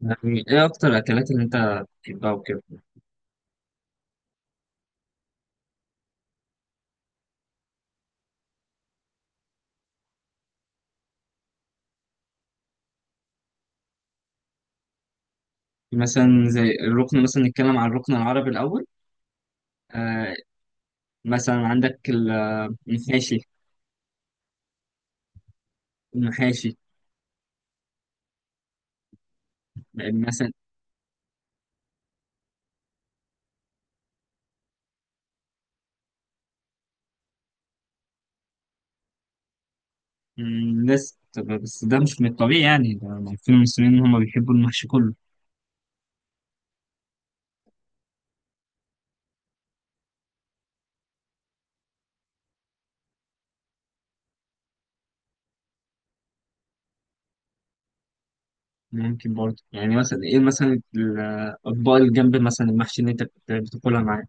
يعني ايه اكتر الاكلات اللي انت بتحبها وكده؟ مثلا زي الركن، مثلا نتكلم عن الركن العربي الاول. آه، مثلا عندك المحاشي. المحاشي. مثلا الناس، طب بس ده مش من الطبيعي يعني، ده عارفين المصريين ان هم بيحبوا المحشي كله. ممكن برضه يعني، مثلا ايه مثلا الاطباق اللي جنب مثلا المحشي اللي انت بتاكلها معاه؟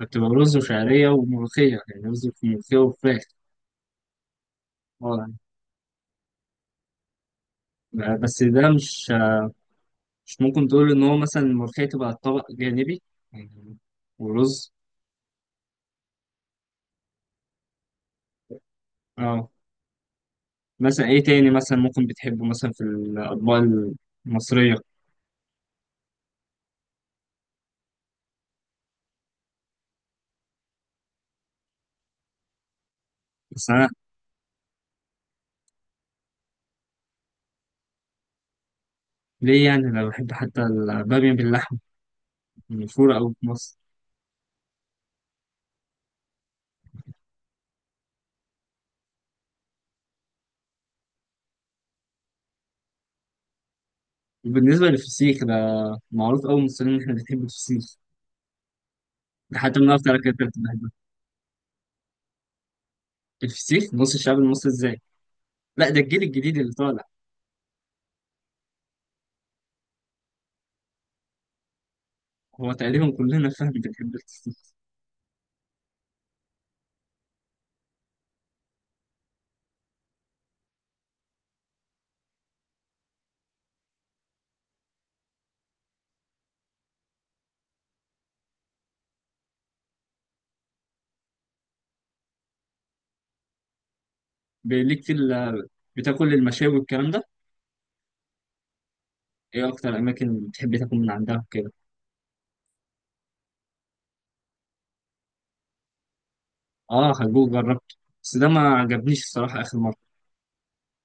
بتبقى رز وشعريه وملوخيه، يعني رز وملوخيه وفراخ. اه، بس ده مش، مش ممكن تقول ان هو مثلا الملوخية تبقى طبق جانبي يعني، ورز. اه، مثلا ايه تاني مثلا ممكن بتحبه مثلا في الاطباق المصرية؟ بس انا، ليه يعني، انا بحب حتى البامية باللحمة، مشهورة أوي في مصر. وبالنسبة للفسيخ ده، معروف أوي المصريين إن إحنا بنحب الفسيخ، ده حتى من أكتر الأكلات اللي بنحبها. الفسيخ نص الشعب المصري إزاي؟ لا، ده الجيل الجديد اللي طالع. هو تقريبا كلنا فاهم بنحب الفسيخ. ليك في بتاكل المشاوي والكلام ده؟ إيه أكتر أماكن بتحب تاكل من عندها وكده؟ اه، حجوج جربته، بس ده ما عجبنيش الصراحة آخر مرة.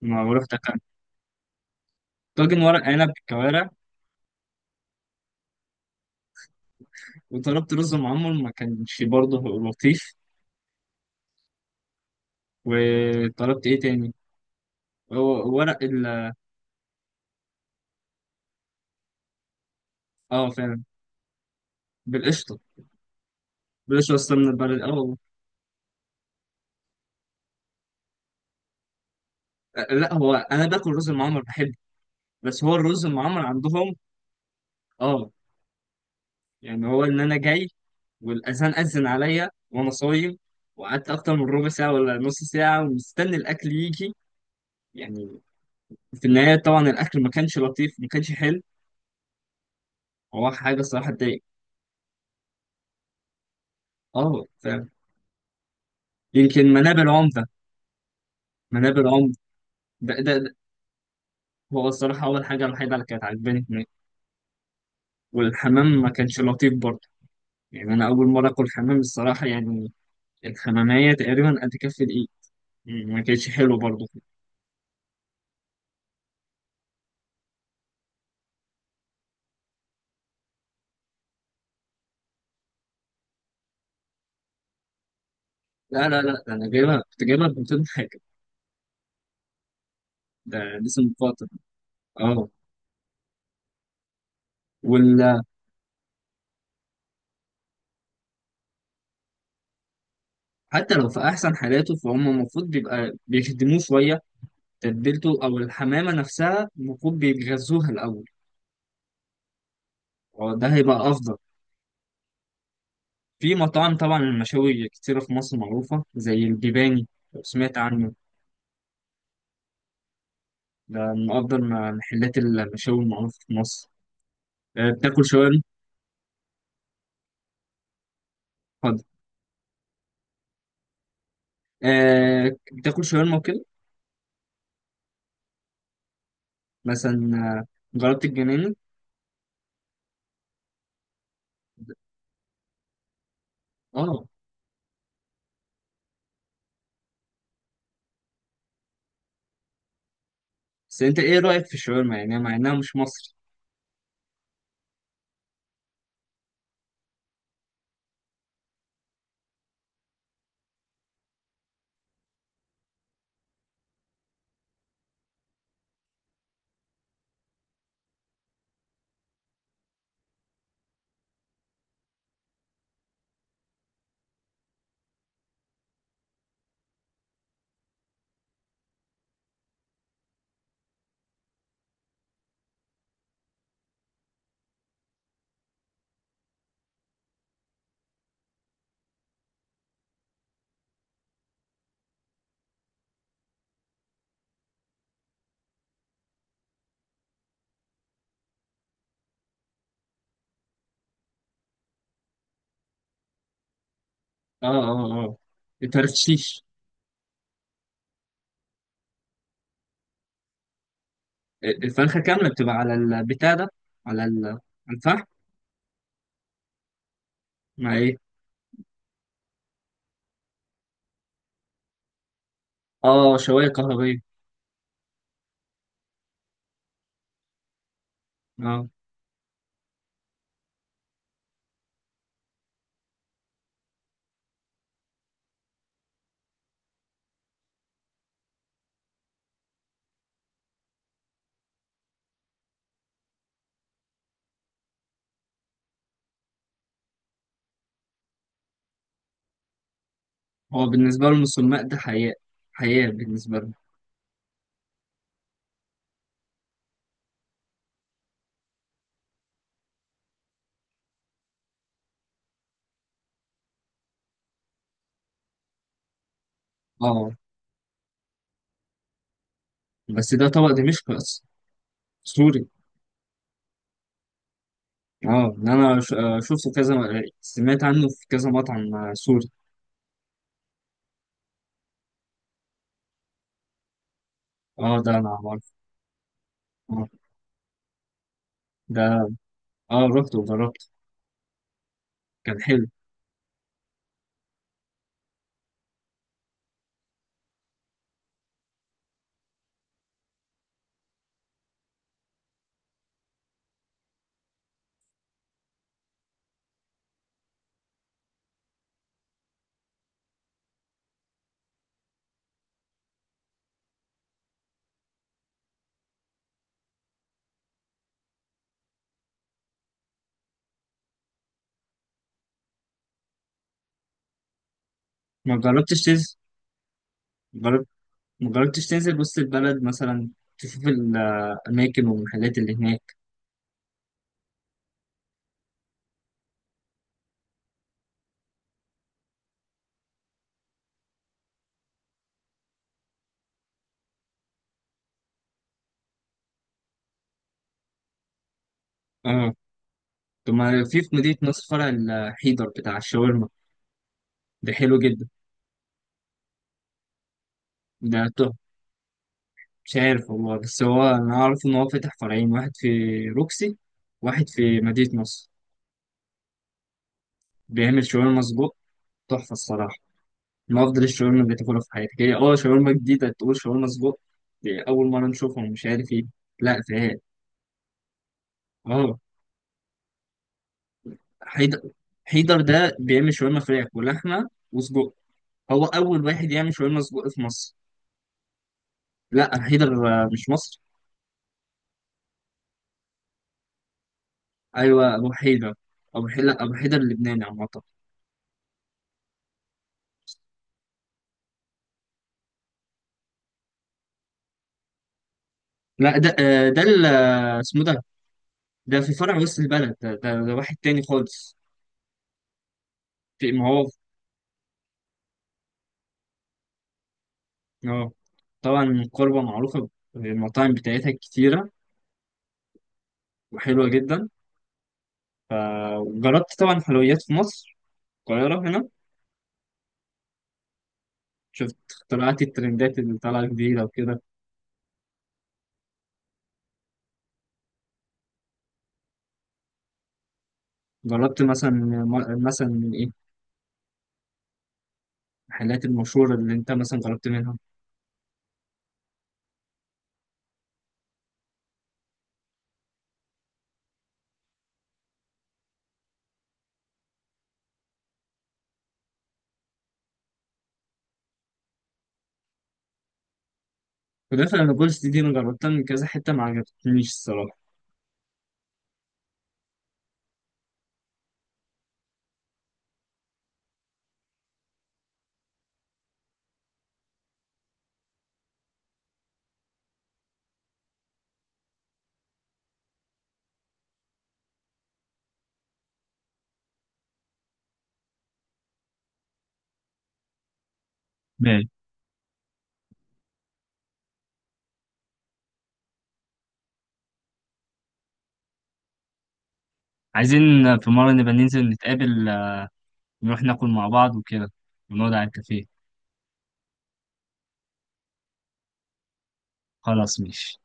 ما رحت أكلت طاجن ورق عنب بالكوارع، وطلبت رز معمر ما كانش برضه لطيف. وطلبت إيه تاني؟ هو ورق ال، اه فعلا، بالقشطة. بالقشطة أصلا من البلد، اه والله. لا، هو أنا باكل رز المعمر بحبه، بس هو الرز المعمر عندهم، اه. يعني هو إن أنا جاي والأذان أذن عليا وأنا صايم، وقعدت أكتر من ربع ساعة ولا نص ساعة ومستني الأكل يجي يعني. في النهاية طبعا الأكل ما كانش لطيف، ما كانش حلو، هو حاجة الصراحة تضايق. اه فعلا. يمكن منابل عمدة. منابل عمدة ده هو الصراحة أول حاجة الوحيدة اللي كانت عجباني هناك. والحمام ما كانش لطيف برضه، يعني أنا أول مرة آكل حمام الصراحة يعني. الحمامية تقريبا قد كف الإيد، ما كانتش حلو برضه. لا، ده أنا جايبها، كنت جايبها ب 200 حاجة، ده لسه من فترة، اه. وال، حتى لو في أحسن حالاته فهم المفروض بيبقى بيخدموه شوية، تتبيلته او الحمامه نفسها المفروض بيتغذوها الاول، وده هيبقى افضل. في مطاعم طبعا المشاوي كتيره في مصر معروفه، زي الجباني لو سمعت عنه، ده من افضل محلات المشاوي المعروفه في مصر. آه، بتاكل شاورما؟ اتفضل. آه، بتاكل شاورما وكده؟ مثلا، آه، جربت الجنينه؟ اه، بس انت ايه رايك في الشاورما يعني، مع انها مش مصري؟ اه اه اه، الترشيش. الفرخه كامله بتبقى على البتاع ده، على الفحم. مع إيه؟ اه، شواية كهربية. اه، هو بالنسبة لهم السماق ده حياة، حياة بالنسبة لهم. اه، بس ده طبق دمشق أصلا، سوري. اه، إن انا شفته كذا، سمعت عنه في كذا مطعم، آه، سوري. اه، ده انا عارف، اه. ده، اه، رحت وجربت، كان حلو. ما جربتش تنزل؟ جربت؟ ما جربتش تنزل وسط البلد مثلا، تشوف الأماكن والمحلات اللي هناك؟ اه. طب ما في في مدينة نصر فرع، الحيدر بتاع الشاورما، ده حلو جدا. ده مش عارف والله، بس هو انا اعرف ان هو فتح فرعين، واحد في روكسي، واحد في مدينة نصر. بيعمل شاورما سجق تحفة الصراحة. من افضل الشاورما اللي تاكلها في حياتك، هي اه شاورما جديدة تقول شاورما سجق، دي اول مرة نشوفهم مش عارف ايه. لا فاهم. اه، حيدر. حيدر ده بيعمل شاورما فراخ ولحمة وسجق، هو اول واحد يعمل شاورما سجق في مصر. لا، حيدر آه، مش مصر. ايوه، ابو حيدر. ابو حيدر، لا ابو حيدر اللبناني عامة. لا، ده آه، ده ال- آه، اسمه ده، ده في فرع وسط البلد. ده واحد تاني خالص. في ما هو، اه. طبعا قربة معروفة بالمطاعم بتاعتها كتيرة وحلوة جدا. جربت طبعا حلويات في مصر، القاهرة هنا؟ شفت اختراعات الترندات اللي طالعة جديدة وكده؟ جربت مثلا مثلا من ايه المحلات المشهورة اللي انت مثلا جربت منها؟ ولكن انا بولس، دي انا جربتها من كذا حتة ما عجبتنيش الصراحة. ماشي. عايزين في مرة نبقى ننزل نتقابل، آه، نروح ناكل مع بعض وكده، ونقعد على الكافيه. خلاص ماشي.